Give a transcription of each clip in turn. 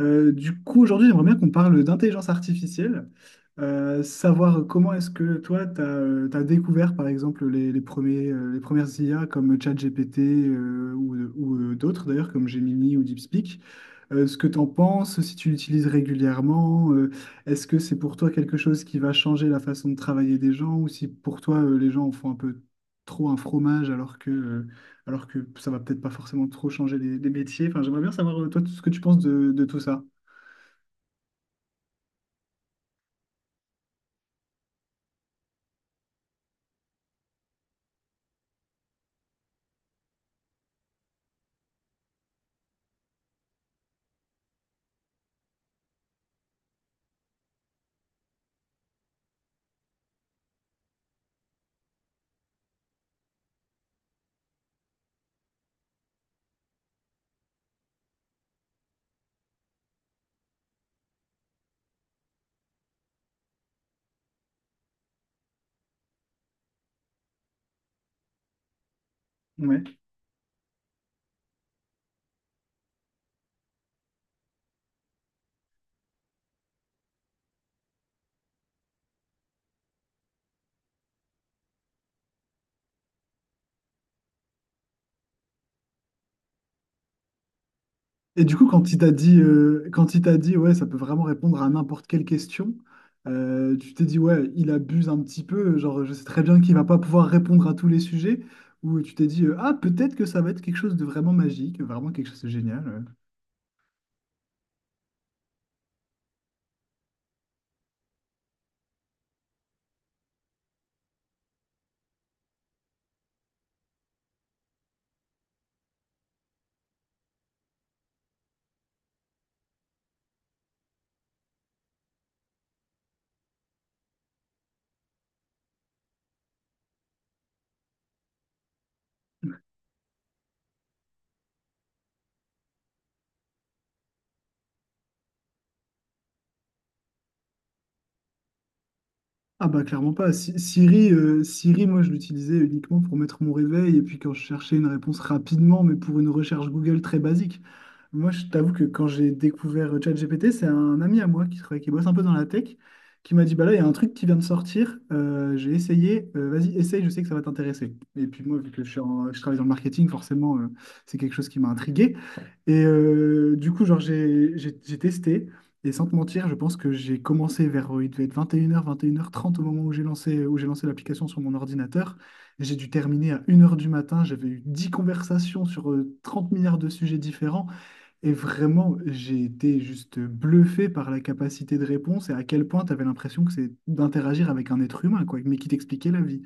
Du coup, aujourd'hui, j'aimerais bien qu'on parle d'intelligence artificielle. Savoir comment est-ce que toi, tu as découvert, par exemple, les premières IA comme ChatGPT, ou, d'autres, d'ailleurs, comme Gemini ou DeepSpeak. Ce que tu en penses, si tu l'utilises régulièrement. Est-ce que c'est pour toi quelque chose qui va changer la façon de travailler des gens, ou si pour toi, les gens en font un peu trop un fromage, alors que ça va peut-être pas forcément trop changer les métiers. Enfin, j'aimerais bien savoir, toi, tout ce que tu penses de tout ça. Ouais. Et du coup, quand il t'a dit, ouais, ça peut vraiment répondre à n'importe quelle question. Tu t'es dit, ouais, il abuse un petit peu, genre, je sais très bien qu'il va pas pouvoir répondre à tous les sujets? Ou tu t'es dit, ah, peut-être que ça va être quelque chose de vraiment magique, vraiment quelque chose de génial. Ouais. Ah bah clairement pas. Siri, moi je l'utilisais uniquement pour mettre mon réveil et puis quand je cherchais une réponse rapidement, mais pour une recherche Google très basique. Moi, je t'avoue que quand j'ai découvert ChatGPT, c'est un ami à moi qui travaille, qui bosse un peu dans la tech, qui m'a dit, bah là, il y a un truc qui vient de sortir. J'ai essayé, vas-y, essaye, je sais que ça va t'intéresser. Et puis moi, vu que je travaille dans le marketing, forcément, c'est quelque chose qui m'a intrigué. Du coup, genre, j'ai testé, et sans te mentir, je pense que j'ai commencé vers, il devait être 21 h, 21 h 30 au moment où j'ai lancé l'application sur mon ordinateur. J'ai dû terminer à une heure du matin, j'avais eu 10 conversations sur 30 milliards de sujets différents. Et vraiment, j'ai été juste bluffé par la capacité de réponse et à quel point tu avais l'impression que c'est d'interagir avec un être humain, quoi, mais qui t'expliquait la vie.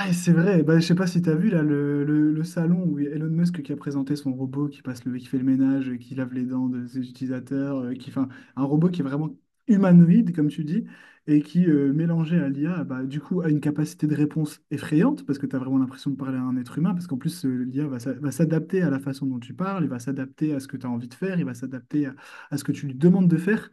Ah, et c'est vrai, bah, je sais pas si tu as vu là le salon où il y a Elon Musk qui a présenté son robot qui fait le ménage, qui lave les dents de ses utilisateurs, un robot qui est vraiment humanoïde, comme tu dis, et qui, mélangé à l'IA, bah, du coup, a une capacité de réponse effrayante, parce que tu as vraiment l'impression de parler à un être humain, parce qu'en plus, l'IA va s'adapter à la façon dont tu parles, il va s'adapter à ce que tu as envie de faire, il va s'adapter à ce que tu lui demandes de faire.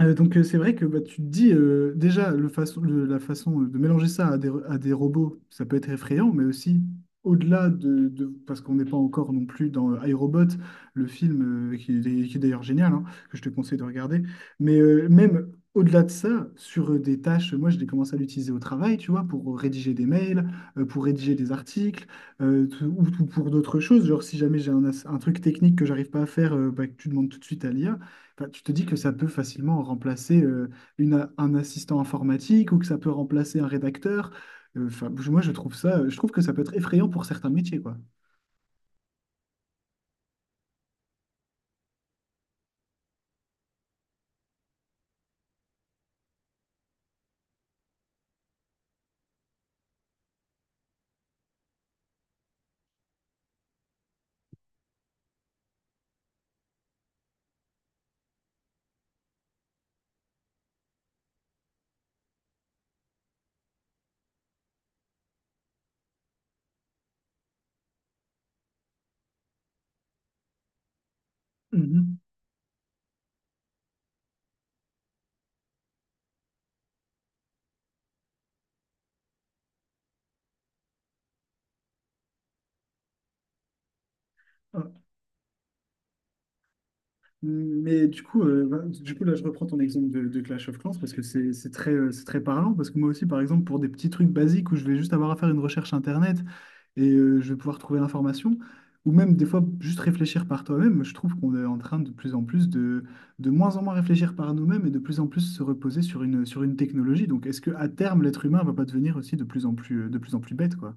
Donc c'est vrai que bah, tu te dis, déjà la façon, de mélanger ça à des robots, ça peut être effrayant, mais aussi au-delà parce qu'on n'est pas encore non plus dans iRobot, le film, qui est d'ailleurs génial, hein, que je te conseille de regarder, mais même au-delà de ça, sur des tâches. Moi je l'ai commencé à l'utiliser au travail, tu vois, pour rédiger des mails, pour rédiger des articles, ou pour d'autres choses, genre si jamais j'ai un truc technique que j'arrive pas à faire, bah, que tu demandes tout de suite à l'IA. Enfin, tu te dis que ça peut facilement remplacer un assistant informatique, ou que ça peut remplacer un rédacteur. Enfin, moi, je trouve que ça peut être effrayant pour certains métiers, quoi. Mhm. Mais du coup, là, je reprends ton exemple de Clash of Clans, parce que c'est très parlant. Parce que moi aussi, par exemple, pour des petits trucs basiques où je vais juste avoir à faire une recherche internet, et je vais pouvoir trouver l'information, ou même des fois juste réfléchir par toi-même. Je trouve qu'on est en train de plus en plus de moins en moins réfléchir par nous-mêmes et de plus en plus se reposer sur une technologie. Donc, est-ce que à terme, l'être humain va pas devenir aussi de plus en plus bête, quoi?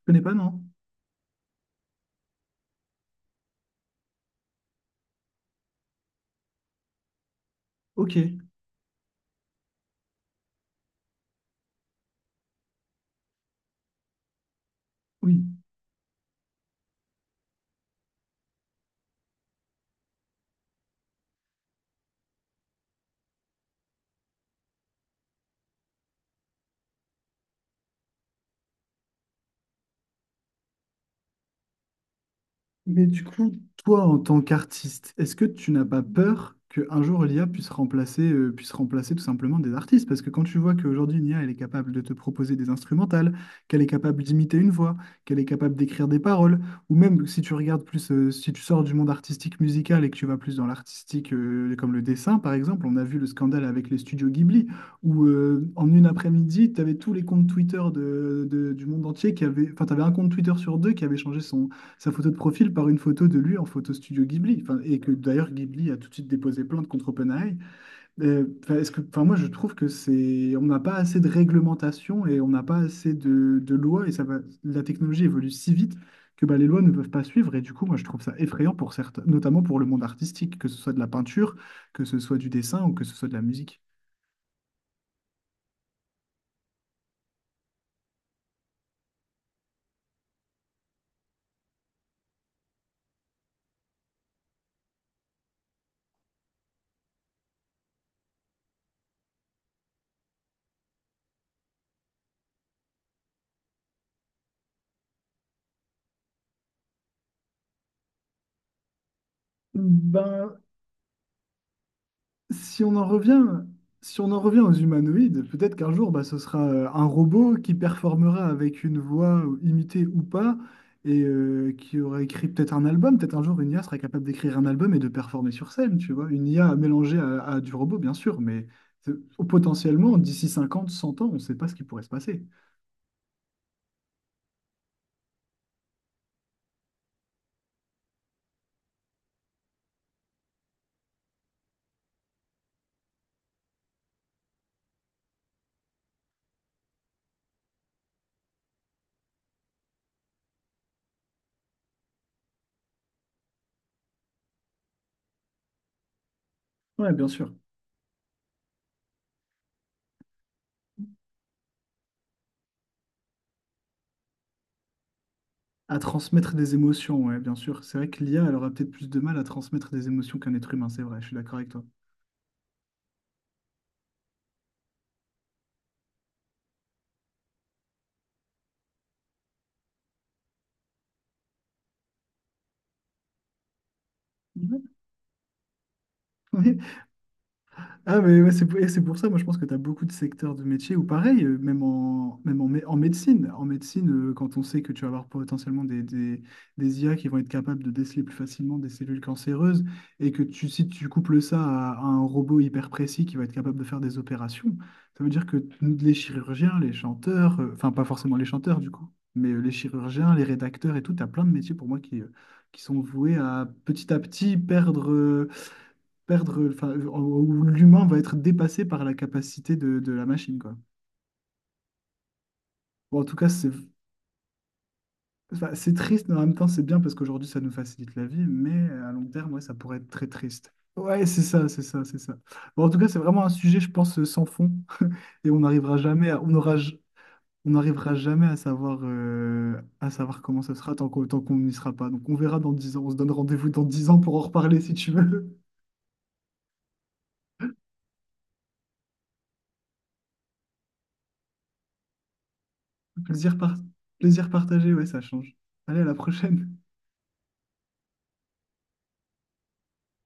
Je connais pas, non? Ok, oui. Mais du coup, toi, en tant qu'artiste, est-ce que tu n'as pas peur qu'un jour l'IA puisse remplacer, tout simplement des artistes? Parce que quand tu vois qu'aujourd'hui, une IA, elle est capable de te proposer des instrumentales, qu'elle est capable d'imiter une voix, qu'elle est capable d'écrire des paroles, ou même si tu regardes plus, si tu sors du monde artistique musical et que tu vas plus dans l'artistique, comme le dessin, par exemple. On a vu le scandale avec les studios Ghibli, où en une après-midi, tu avais tous les comptes Twitter du monde entier qui avaient, enfin, tu avais un compte Twitter sur deux qui avait changé son sa photo de profil par une photo de lui en photo studio Ghibli. Enfin, et que d'ailleurs Ghibli a tout de suite déposé plainte contre OpenAI. Moi je trouve que c'est, on n'a pas assez de réglementation et on n'a pas assez de lois, et ça va, la technologie évolue si vite que bah, les lois ne peuvent pas suivre. Et du coup, moi je trouve ça effrayant pour certains, notamment pour le monde artistique, que ce soit de la peinture, que ce soit du dessin ou que ce soit de la musique. Ben, Si on en revient, si on en revient aux humanoïdes, peut-être qu'un jour, bah, ce sera un robot qui performera avec une voix imitée ou pas, et qui aura écrit peut-être un album. Peut-être un jour, une IA sera capable d'écrire un album et de performer sur scène, tu vois. Une IA mélangée à du robot, bien sûr, mais euh, potentiellement, d'ici 50, 100 ans, on ne sait pas ce qui pourrait se passer. Ouais, bien sûr. À transmettre des émotions, ouais, bien sûr. C'est vrai que l'IA, elle aura peut-être plus de mal à transmettre des émotions qu'un être humain. C'est vrai, je suis d'accord avec toi. Ouais. Ah, mais ouais, c'est pour ça, moi je pense que tu as beaucoup de secteurs de métiers où pareil, même en, même en, mé- en médecine, quand on sait que tu vas avoir potentiellement des IA qui vont être capables de déceler plus facilement des cellules cancéreuses, et que si tu couples ça à un robot hyper précis qui va être capable de faire des opérations, ça veut dire que les chirurgiens, les chanteurs, enfin pas forcément les chanteurs du coup, mais les chirurgiens, les rédacteurs et tout, tu as plein de métiers pour moi qui sont voués à petit perdre, où l'humain va être dépassé par la capacité de la machine, quoi. Bon, en tout cas, c'est triste, mais en même temps, c'est bien parce qu'aujourd'hui, ça nous facilite la vie, mais à long terme, ouais, ça pourrait être très triste. Ouais, c'est ça, c'est ça, c'est ça. Bon, en tout cas, c'est vraiment un sujet, je pense, sans fond. Et on n'arrivera jamais à savoir comment ça sera tant tant qu'on n'y sera pas. Donc, on verra dans 10 ans, on se donne rendez-vous dans 10 ans pour en reparler si tu veux. Plaisir par- Plaisir partagé, ouais, ça change. Allez, à la prochaine.